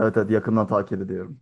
Evet, evet, yakından takip ediyorum.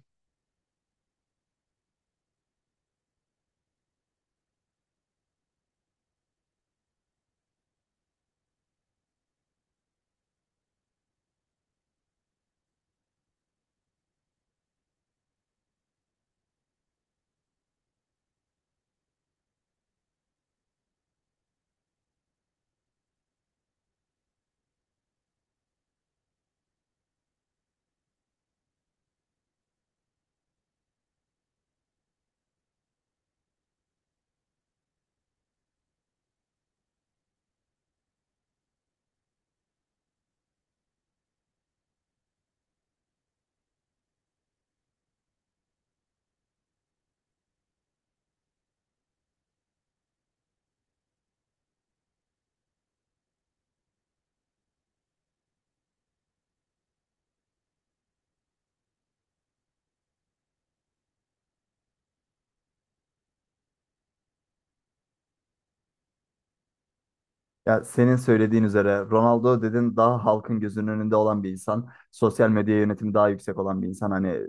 Ya senin söylediğin üzere Ronaldo dedin, daha halkın gözünün önünde olan bir insan. Sosyal medya yönetimi daha yüksek olan bir insan. Hani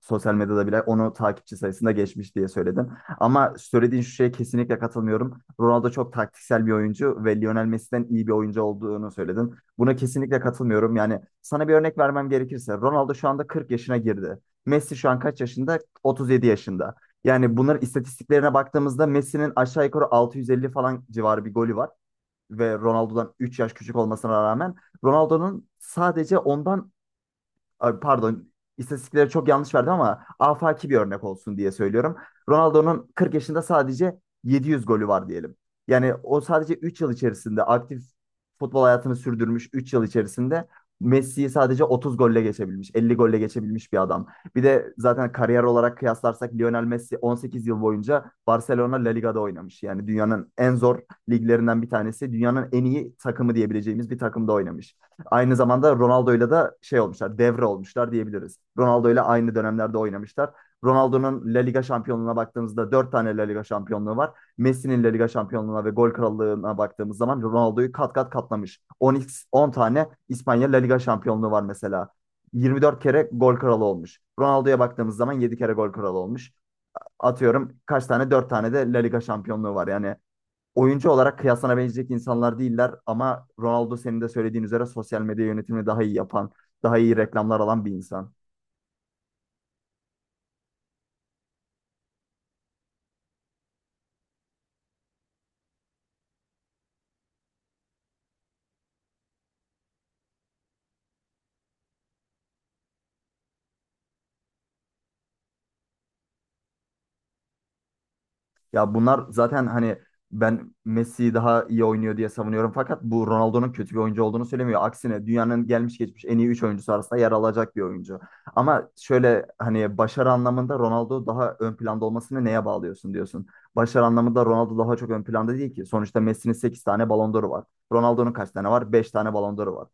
sosyal medyada bile onu takipçi sayısında geçmiş diye söyledin. Ama söylediğin şu şeye kesinlikle katılmıyorum. Ronaldo çok taktiksel bir oyuncu ve Lionel Messi'den iyi bir oyuncu olduğunu söyledin. Buna kesinlikle katılmıyorum. Yani sana bir örnek vermem gerekirse Ronaldo şu anda 40 yaşına girdi. Messi şu an kaç yaşında? 37 yaşında. Yani bunların istatistiklerine baktığımızda Messi'nin aşağı yukarı 650 falan civarı bir golü var ve Ronaldo'dan 3 yaş küçük olmasına rağmen Ronaldo'nun sadece ondan Ay, pardon, istatistikleri çok yanlış verdim ama afaki bir örnek olsun diye söylüyorum. Ronaldo'nun 40 yaşında sadece 700 golü var diyelim. Yani o sadece 3 yıl içerisinde aktif futbol hayatını sürdürmüş, 3 yıl içerisinde Messi'yi sadece 30 golle geçebilmiş, 50 golle geçebilmiş bir adam. Bir de zaten kariyer olarak kıyaslarsak Lionel Messi 18 yıl boyunca Barcelona La Liga'da oynamış. Yani dünyanın en zor liglerinden bir tanesi, dünyanın en iyi takımı diyebileceğimiz bir takımda oynamış. Aynı zamanda Ronaldo'yla da şey olmuşlar, devre olmuşlar diyebiliriz. Ronaldo'yla aynı dönemlerde oynamışlar. Ronaldo'nun La Liga şampiyonluğuna baktığımızda 4 tane La Liga şampiyonluğu var. Messi'nin La Liga şampiyonluğuna ve gol krallığına baktığımız zaman Ronaldo'yu kat kat katlamış. On tane İspanya La Liga şampiyonluğu var mesela. 24 kere gol kralı olmuş. Ronaldo'ya baktığımız zaman 7 kere gol kralı olmuş. Atıyorum kaç tane? 4 tane de La Liga şampiyonluğu var. Yani oyuncu olarak kıyasına benecek insanlar değiller ama Ronaldo senin de söylediğin üzere sosyal medya yönetimini daha iyi yapan, daha iyi reklamlar alan bir insan. Ya bunlar zaten hani ben Messi daha iyi oynuyor diye savunuyorum. Fakat bu Ronaldo'nun kötü bir oyuncu olduğunu söylemiyor. Aksine dünyanın gelmiş geçmiş en iyi 3 oyuncusu arasında yer alacak bir oyuncu. Ama şöyle hani başarı anlamında Ronaldo daha ön planda olmasını neye bağlıyorsun diyorsun. Başarı anlamında Ronaldo daha çok ön planda değil ki. Sonuçta Messi'nin 8 tane Ballon d'Or'u var. Ronaldo'nun kaç tane var? 5 tane Ballon d'Or'u var.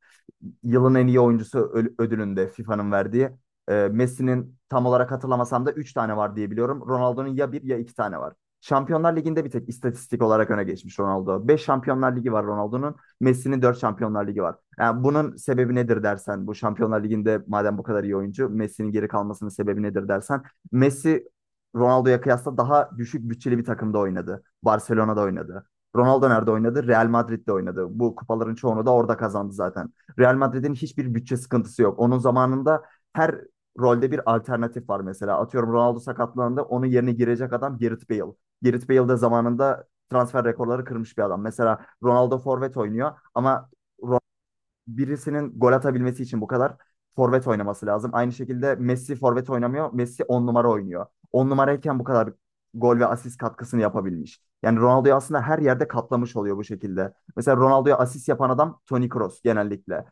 Yılın en iyi oyuncusu ödülünde FIFA'nın verdiği. Messi'nin tam olarak hatırlamasam da 3 tane var diye biliyorum. Ronaldo'nun ya bir ya 2 tane var. Şampiyonlar Ligi'nde bir tek istatistik olarak öne geçmiş Ronaldo. 5 Şampiyonlar Ligi var Ronaldo'nun. Messi'nin 4 Şampiyonlar Ligi var. Yani bunun sebebi nedir dersen, bu Şampiyonlar Ligi'nde madem bu kadar iyi oyuncu, Messi'nin geri kalmasının sebebi nedir dersen, Messi Ronaldo'ya kıyasla daha düşük bütçeli bir takımda oynadı. Barcelona'da oynadı. Ronaldo nerede oynadı? Real Madrid'de oynadı. Bu kupaların çoğunu da orada kazandı zaten. Real Madrid'in hiçbir bütçe sıkıntısı yok. Onun zamanında her rolde bir alternatif var mesela. Atıyorum Ronaldo sakatlandı. Onun yerine girecek adam Gareth Bale. Gareth Bale de zamanında transfer rekorları kırmış bir adam. Mesela Ronaldo forvet oynuyor ama Ro- birisinin gol atabilmesi için bu kadar forvet oynaması lazım. Aynı şekilde Messi forvet oynamıyor. Messi 10 numara oynuyor. 10 numarayken bu kadar gol ve asist katkısını yapabilmiş. Yani Ronaldo'yu aslında her yerde katlamış oluyor bu şekilde. Mesela Ronaldo'ya asist yapan adam Toni Kroos genellikle.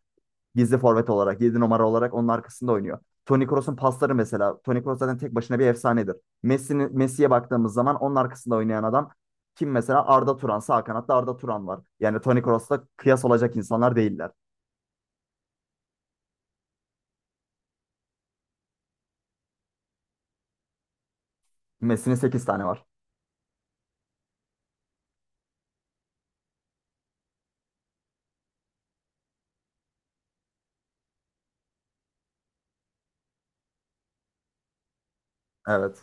Gizli forvet olarak, 7 numara olarak onun arkasında oynuyor. Toni Kroos'un pasları mesela. Toni Kroos zaten tek başına bir efsanedir. Messi'ye baktığımız zaman onun arkasında oynayan adam kim mesela? Arda Turan. Sağ kanatta Arda Turan var. Yani Toni Kroos'la kıyas olacak insanlar değiller. Messi'nin 8 tane var. Evet.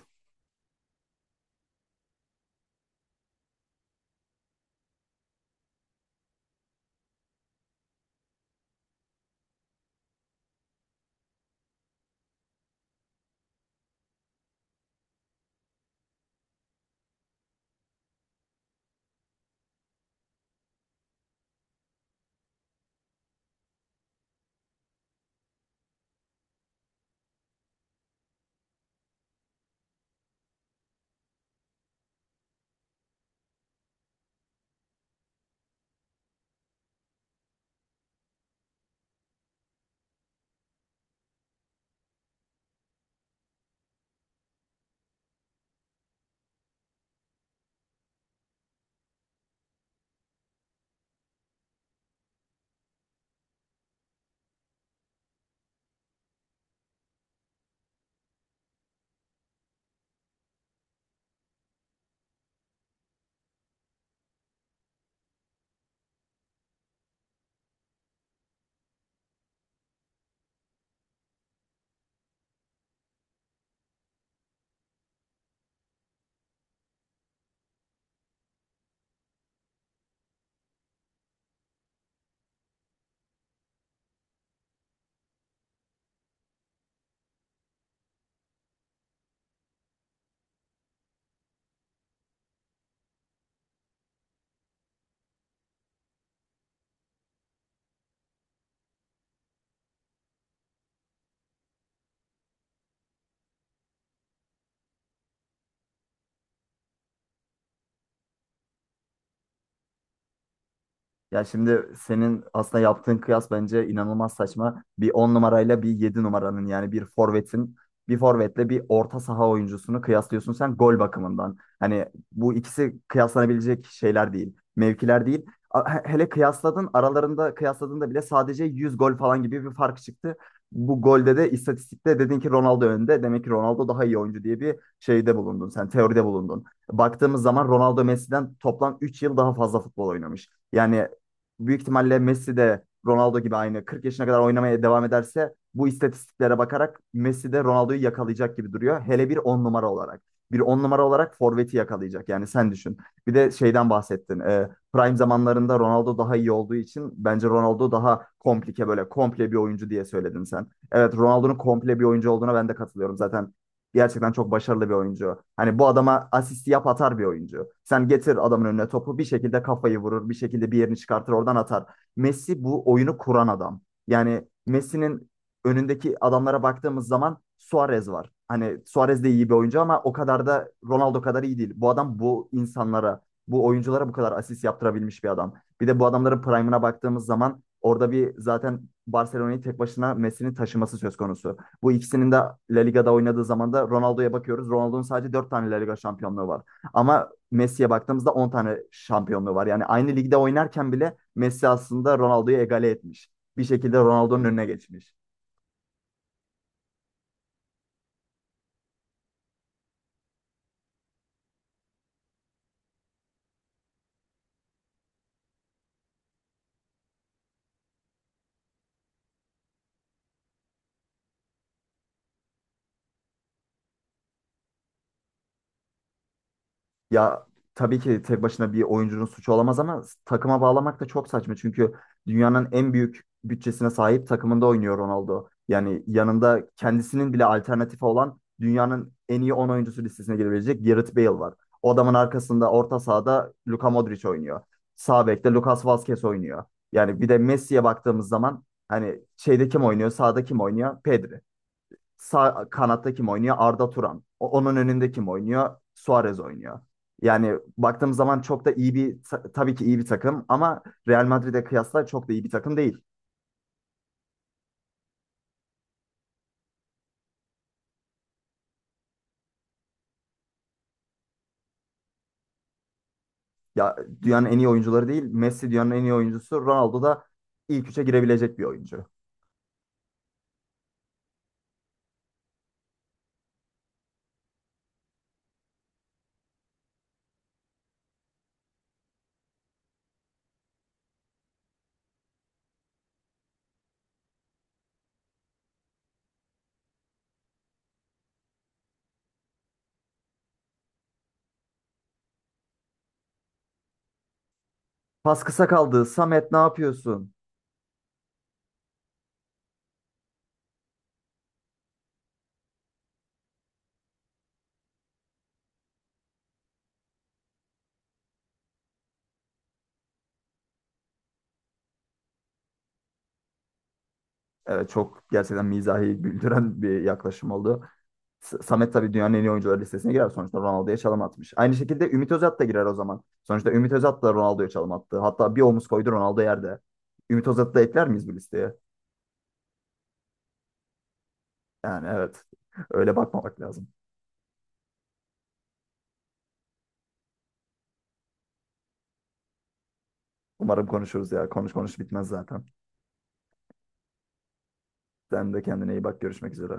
Ya şimdi senin aslında yaptığın kıyas bence inanılmaz saçma. Bir 10 numarayla bir 7 numaranın yani bir forvetle bir orta saha oyuncusunu kıyaslıyorsun sen gol bakımından. Hani bu ikisi kıyaslanabilecek şeyler değil, mevkiler değil. Hele kıyasladın aralarında kıyasladığında bile sadece 100 gol falan gibi bir fark çıktı. Bu golde de istatistikte dedin ki Ronaldo önde. Demek ki Ronaldo daha iyi oyuncu diye bir şeyde bulundun. Sen teoride bulundun. Baktığımız zaman Ronaldo Messi'den toplam 3 yıl daha fazla futbol oynamış. Yani büyük ihtimalle Messi de Ronaldo gibi aynı 40 yaşına kadar oynamaya devam ederse bu istatistiklere bakarak Messi de Ronaldo'yu yakalayacak gibi duruyor. Hele bir 10 numara olarak. Bir 10 numara olarak forveti yakalayacak. Yani sen düşün. Bir de şeyden bahsettin. Prime zamanlarında Ronaldo daha iyi olduğu için bence Ronaldo daha komplike böyle komple bir oyuncu diye söyledin sen. Evet, Ronaldo'nun komple bir oyuncu olduğuna ben de katılıyorum. Zaten gerçekten çok başarılı bir oyuncu. Hani bu adama asist yap atar bir oyuncu. Sen getir adamın önüne topu, bir şekilde kafayı vurur, bir şekilde bir yerini çıkartır oradan atar. Messi bu oyunu kuran adam. Yani Messi'nin önündeki adamlara baktığımız zaman Suarez var. Hani Suarez de iyi bir oyuncu ama o kadar da Ronaldo kadar iyi değil. Bu adam bu insanlara, bu oyunculara bu kadar asist yaptırabilmiş bir adam. Bir de bu adamların prime'ına baktığımız zaman orada bir zaten Barcelona'yı tek başına Messi'nin taşıması söz konusu. Bu ikisinin de La Liga'da oynadığı zaman da Ronaldo'ya bakıyoruz. Ronaldo'nun sadece 4 tane La Liga şampiyonluğu var. Ama Messi'ye baktığımızda 10 tane şampiyonluğu var. Yani aynı ligde oynarken bile Messi aslında Ronaldo'yu egale etmiş. Bir şekilde Ronaldo'nun önüne geçmiş. Ya tabii ki tek başına bir oyuncunun suçu olamaz ama takıma bağlamak da çok saçma. Çünkü dünyanın en büyük bütçesine sahip takımında oynuyor Ronaldo. Yani yanında kendisinin bile alternatifi olan dünyanın en iyi 10 oyuncusu listesine girebilecek Gareth Bale var. O adamın arkasında orta sahada Luka Modric oynuyor. Sağ bekte Lucas Vazquez oynuyor. Yani bir de Messi'ye baktığımız zaman hani şeyde kim oynuyor, sağda kim oynuyor? Pedri. Sağ kanatta kim oynuyor? Arda Turan. Onun önünde kim oynuyor? Suarez oynuyor. Yani baktığımız zaman çok da iyi bir tabii ki iyi bir takım ama Real Madrid'e kıyasla çok da iyi bir takım değil. Ya dünyanın en iyi oyuncuları değil. Messi dünyanın en iyi oyuncusu. Ronaldo da ilk üçe girebilecek bir oyuncu. Pas kısa kaldı. Samet ne yapıyorsun? Evet, çok gerçekten mizahi güldüren bir yaklaşım oldu. Samet tabii dünyanın en iyi oyuncuları listesine girer. Sonuçta Ronaldo'ya çalım atmış. Aynı şekilde Ümit Özat da girer o zaman. Sonuçta Ümit Özat da Ronaldo'ya çalım attı. Hatta bir omuz koydu Ronaldo yerde. Ümit Özat'ı da ekler miyiz bu listeye? Yani evet. Öyle bakmamak lazım. Umarım konuşuruz ya. Konuş konuş bitmez zaten. Sen de kendine iyi bak. Görüşmek üzere.